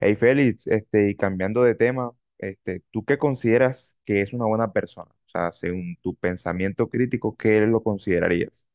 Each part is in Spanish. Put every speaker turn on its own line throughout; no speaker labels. Hey Félix, y cambiando de tema, ¿tú qué consideras que es una buena persona? O sea, según tu pensamiento crítico, ¿qué lo considerarías?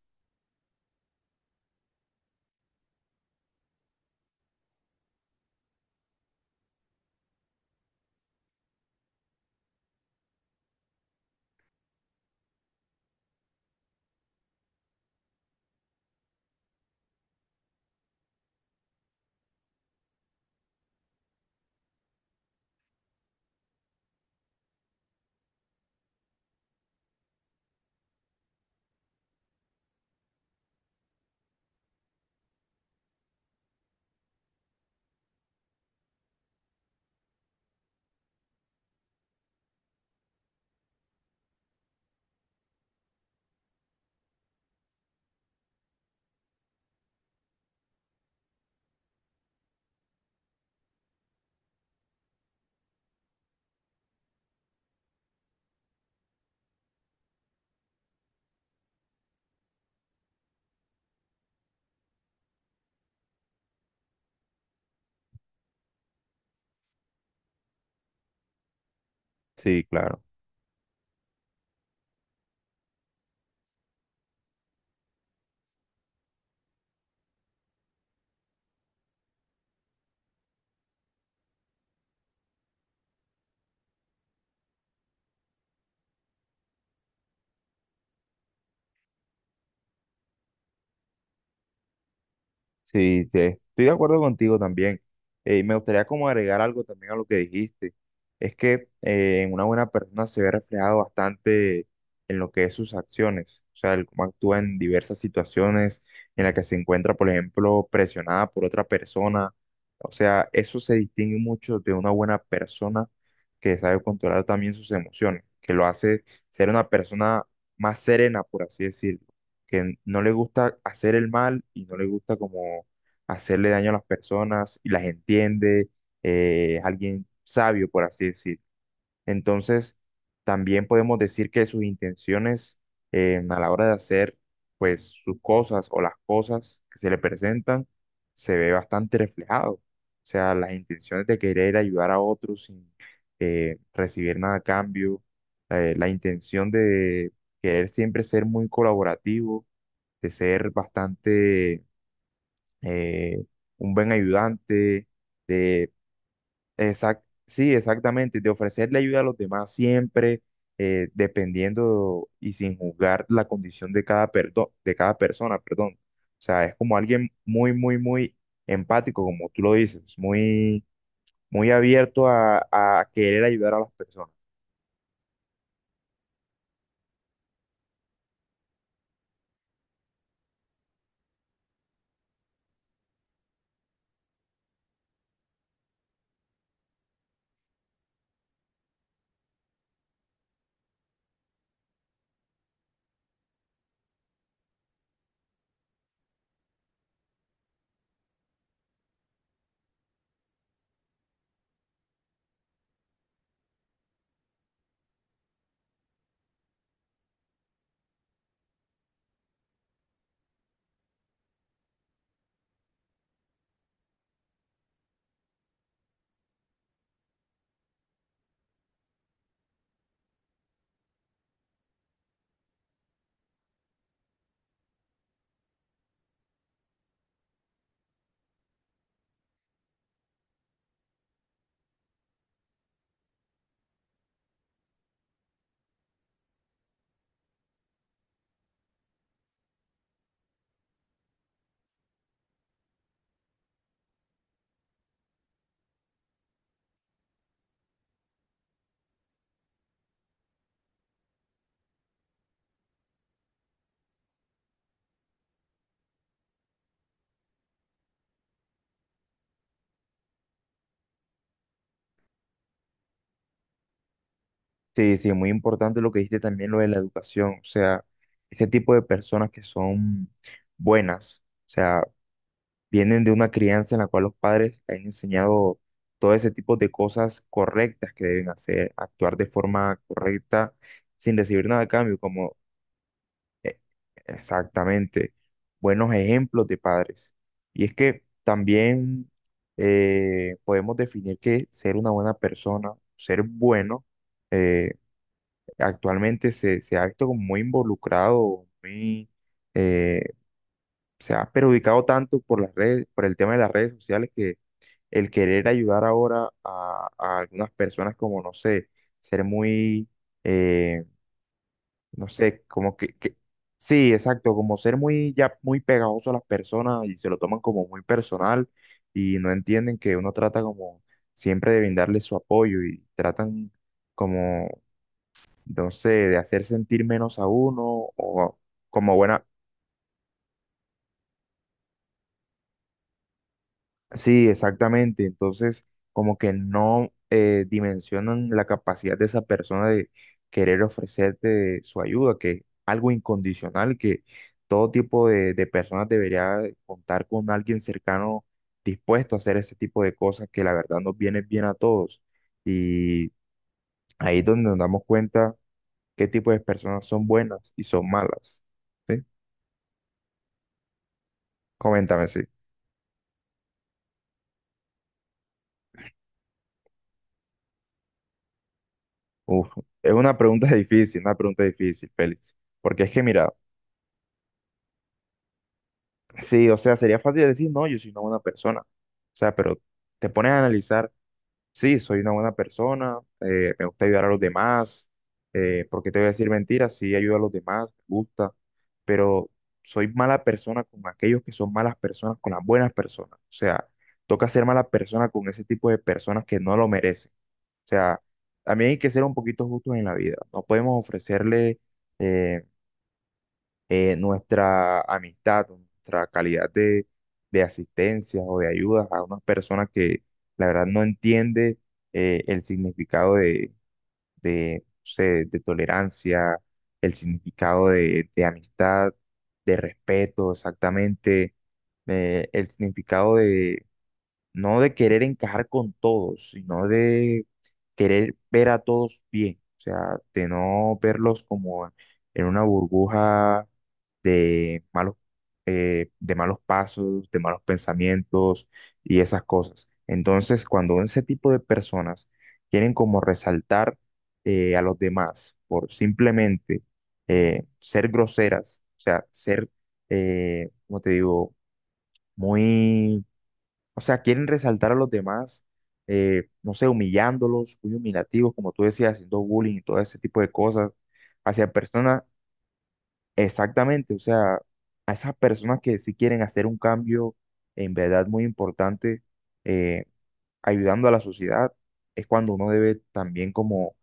Sí, claro. Sí, estoy de acuerdo contigo también. Y me gustaría como agregar algo también a lo que dijiste. Es que en una buena persona se ve reflejado bastante en lo que es sus acciones, o sea, el cómo actúa en diversas situaciones en las que se encuentra, por ejemplo, presionada por otra persona. O sea, eso se distingue mucho de una buena persona que sabe controlar también sus emociones, que lo hace ser una persona más serena, por así decirlo, que no le gusta hacer el mal y no le gusta como hacerle daño a las personas y las entiende. Es alguien sabio, por así decir. Entonces, también podemos decir que sus intenciones, a la hora de hacer pues sus cosas o las cosas que se le presentan, se ve bastante reflejado. O sea, las intenciones de querer ayudar a otros sin, recibir nada a cambio, la intención de querer siempre ser muy colaborativo, de ser bastante, eh, un buen ayudante, de sí, exactamente, de ofrecerle ayuda a los demás siempre, dependiendo y sin juzgar la condición de cada, de cada persona, perdón. O sea, es como alguien muy, muy, muy empático, como tú lo dices, muy, muy abierto a querer ayudar a las personas. Sí, sí, muy importante lo que dijiste también, lo de la educación, o sea, ese tipo de personas que son buenas, o sea, vienen de una crianza en la cual los padres les han enseñado todo ese tipo de cosas correctas que deben hacer, actuar de forma correcta sin recibir nada a cambio, como, eh, exactamente, buenos ejemplos de padres. Y es que también, podemos definir que ser una buena persona, ser bueno, eh, actualmente se ha visto como muy involucrado, muy... eh, se ha perjudicado tanto por las redes, por el tema de las redes sociales, que el querer ayudar ahora a algunas personas como, no sé, ser muy, eh, no sé, como que. Sí, exacto, como ser muy, ya muy pegajoso a las personas, y se lo toman como muy personal y no entienden que uno trata como siempre de brindarles su apoyo, y tratan como, no sé, de hacer sentir menos a uno o como buena. Sí, exactamente. Entonces, como que no dimensionan la capacidad de esa persona de querer ofrecerte su ayuda, que es algo incondicional, que todo tipo de personas debería contar con alguien cercano dispuesto a hacer ese tipo de cosas que la verdad nos viene bien a todos. Y ahí es donde nos damos cuenta qué tipo de personas son buenas y son malas. ¿Sí? Coméntame, sí. Uf, es una pregunta difícil, una pregunta difícil, Félix. Porque es que, mira, sí, o sea, sería fácil decir, no, yo soy una buena persona. O sea, pero te pones a analizar, sí, soy una buena persona, me gusta ayudar a los demás, ¿por qué te voy a decir mentiras? Sí, ayudo a los demás, me gusta, pero soy mala persona con aquellos que son malas personas, con las buenas personas. O sea, toca ser mala persona con ese tipo de personas que no lo merecen. O sea, también hay que ser un poquito justos en la vida. No podemos ofrecerle... eh, nuestra amistad, o nuestra calidad de asistencia o de ayuda a unas personas que la verdad no entiende el significado de, no sé, de tolerancia, el significado de amistad, de respeto, exactamente, el significado no de querer encajar con todos, sino de querer ver a todos bien, o sea, de no verlos como en una burbuja de malos, de malos pasos, de malos pensamientos y esas cosas. Entonces, cuando ese tipo de personas quieren como resaltar a los demás por simplemente ser groseras, o sea, ser, como te digo, muy, o sea, quieren resaltar a los demás, no sé, humillándolos, muy humillativos, como tú decías, haciendo bullying y todo ese tipo de cosas hacia personas, exactamente, o sea, a esas personas que sí quieren hacer un cambio en verdad muy importante, eh, ayudando a la sociedad, es cuando uno debe también como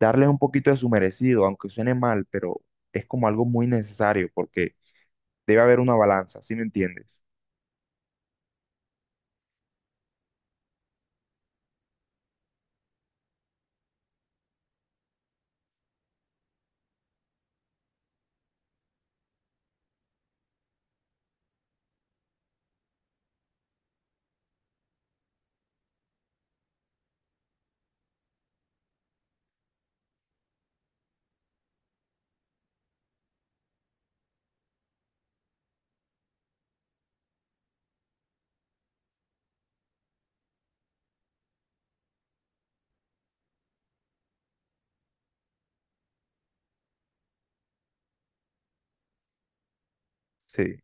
darles un poquito de su merecido, aunque suene mal, pero es como algo muy necesario porque debe haber una balanza, ¿sí me entiendes? Sí,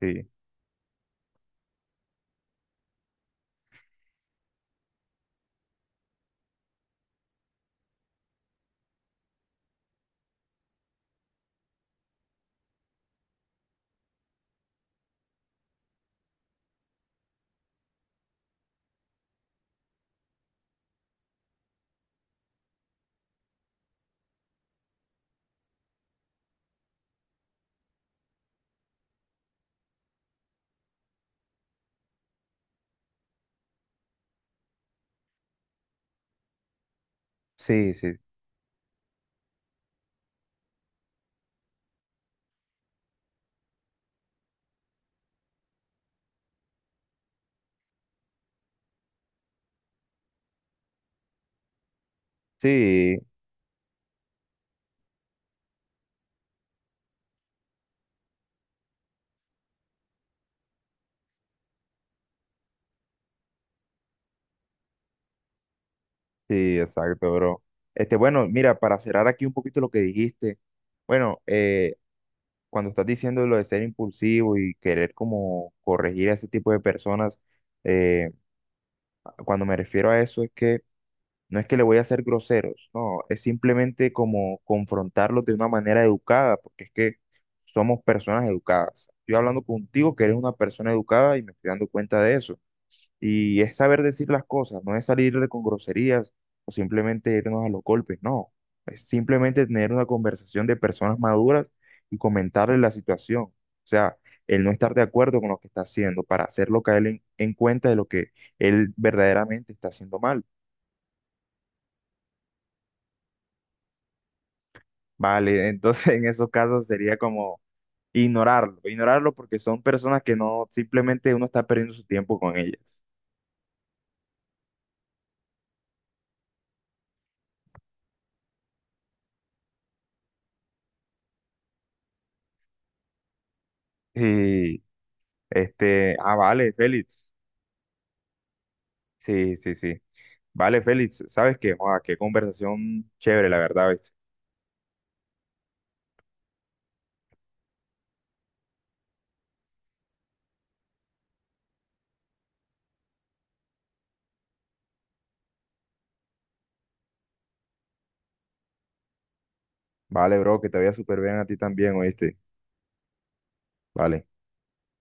sí, sí, sí. Sí, sí, exacto, bro. Este, bueno, mira, para cerrar aquí un poquito lo que dijiste, bueno, cuando estás diciendo lo de ser impulsivo y querer como corregir a ese tipo de personas, eh, cuando me refiero a eso es que no es que le voy a ser groseros, no, es simplemente como confrontarlos de una manera educada, porque es que somos personas educadas. Estoy hablando contigo, que eres una persona educada, y me estoy dando cuenta de eso. Y es saber decir las cosas, no es salirle con groserías o simplemente irnos a los golpes, no. Es simplemente tener una conversación de personas maduras y comentarle la situación. O sea, el no estar de acuerdo con lo que está haciendo para hacerlo caer en cuenta de lo que él verdaderamente está haciendo mal. Vale, entonces en esos casos sería como ignorarlo, ignorarlo, porque son personas que no, simplemente uno está perdiendo su tiempo con ellas. Y este, ah, vale, Félix. Sí, sí, sí. Vale, Félix, ¿sabes qué? Joa, qué conversación chévere, la verdad, ¿viste? Vale, bro, que te vaya súper bien a ti también, ¿oíste? Vale.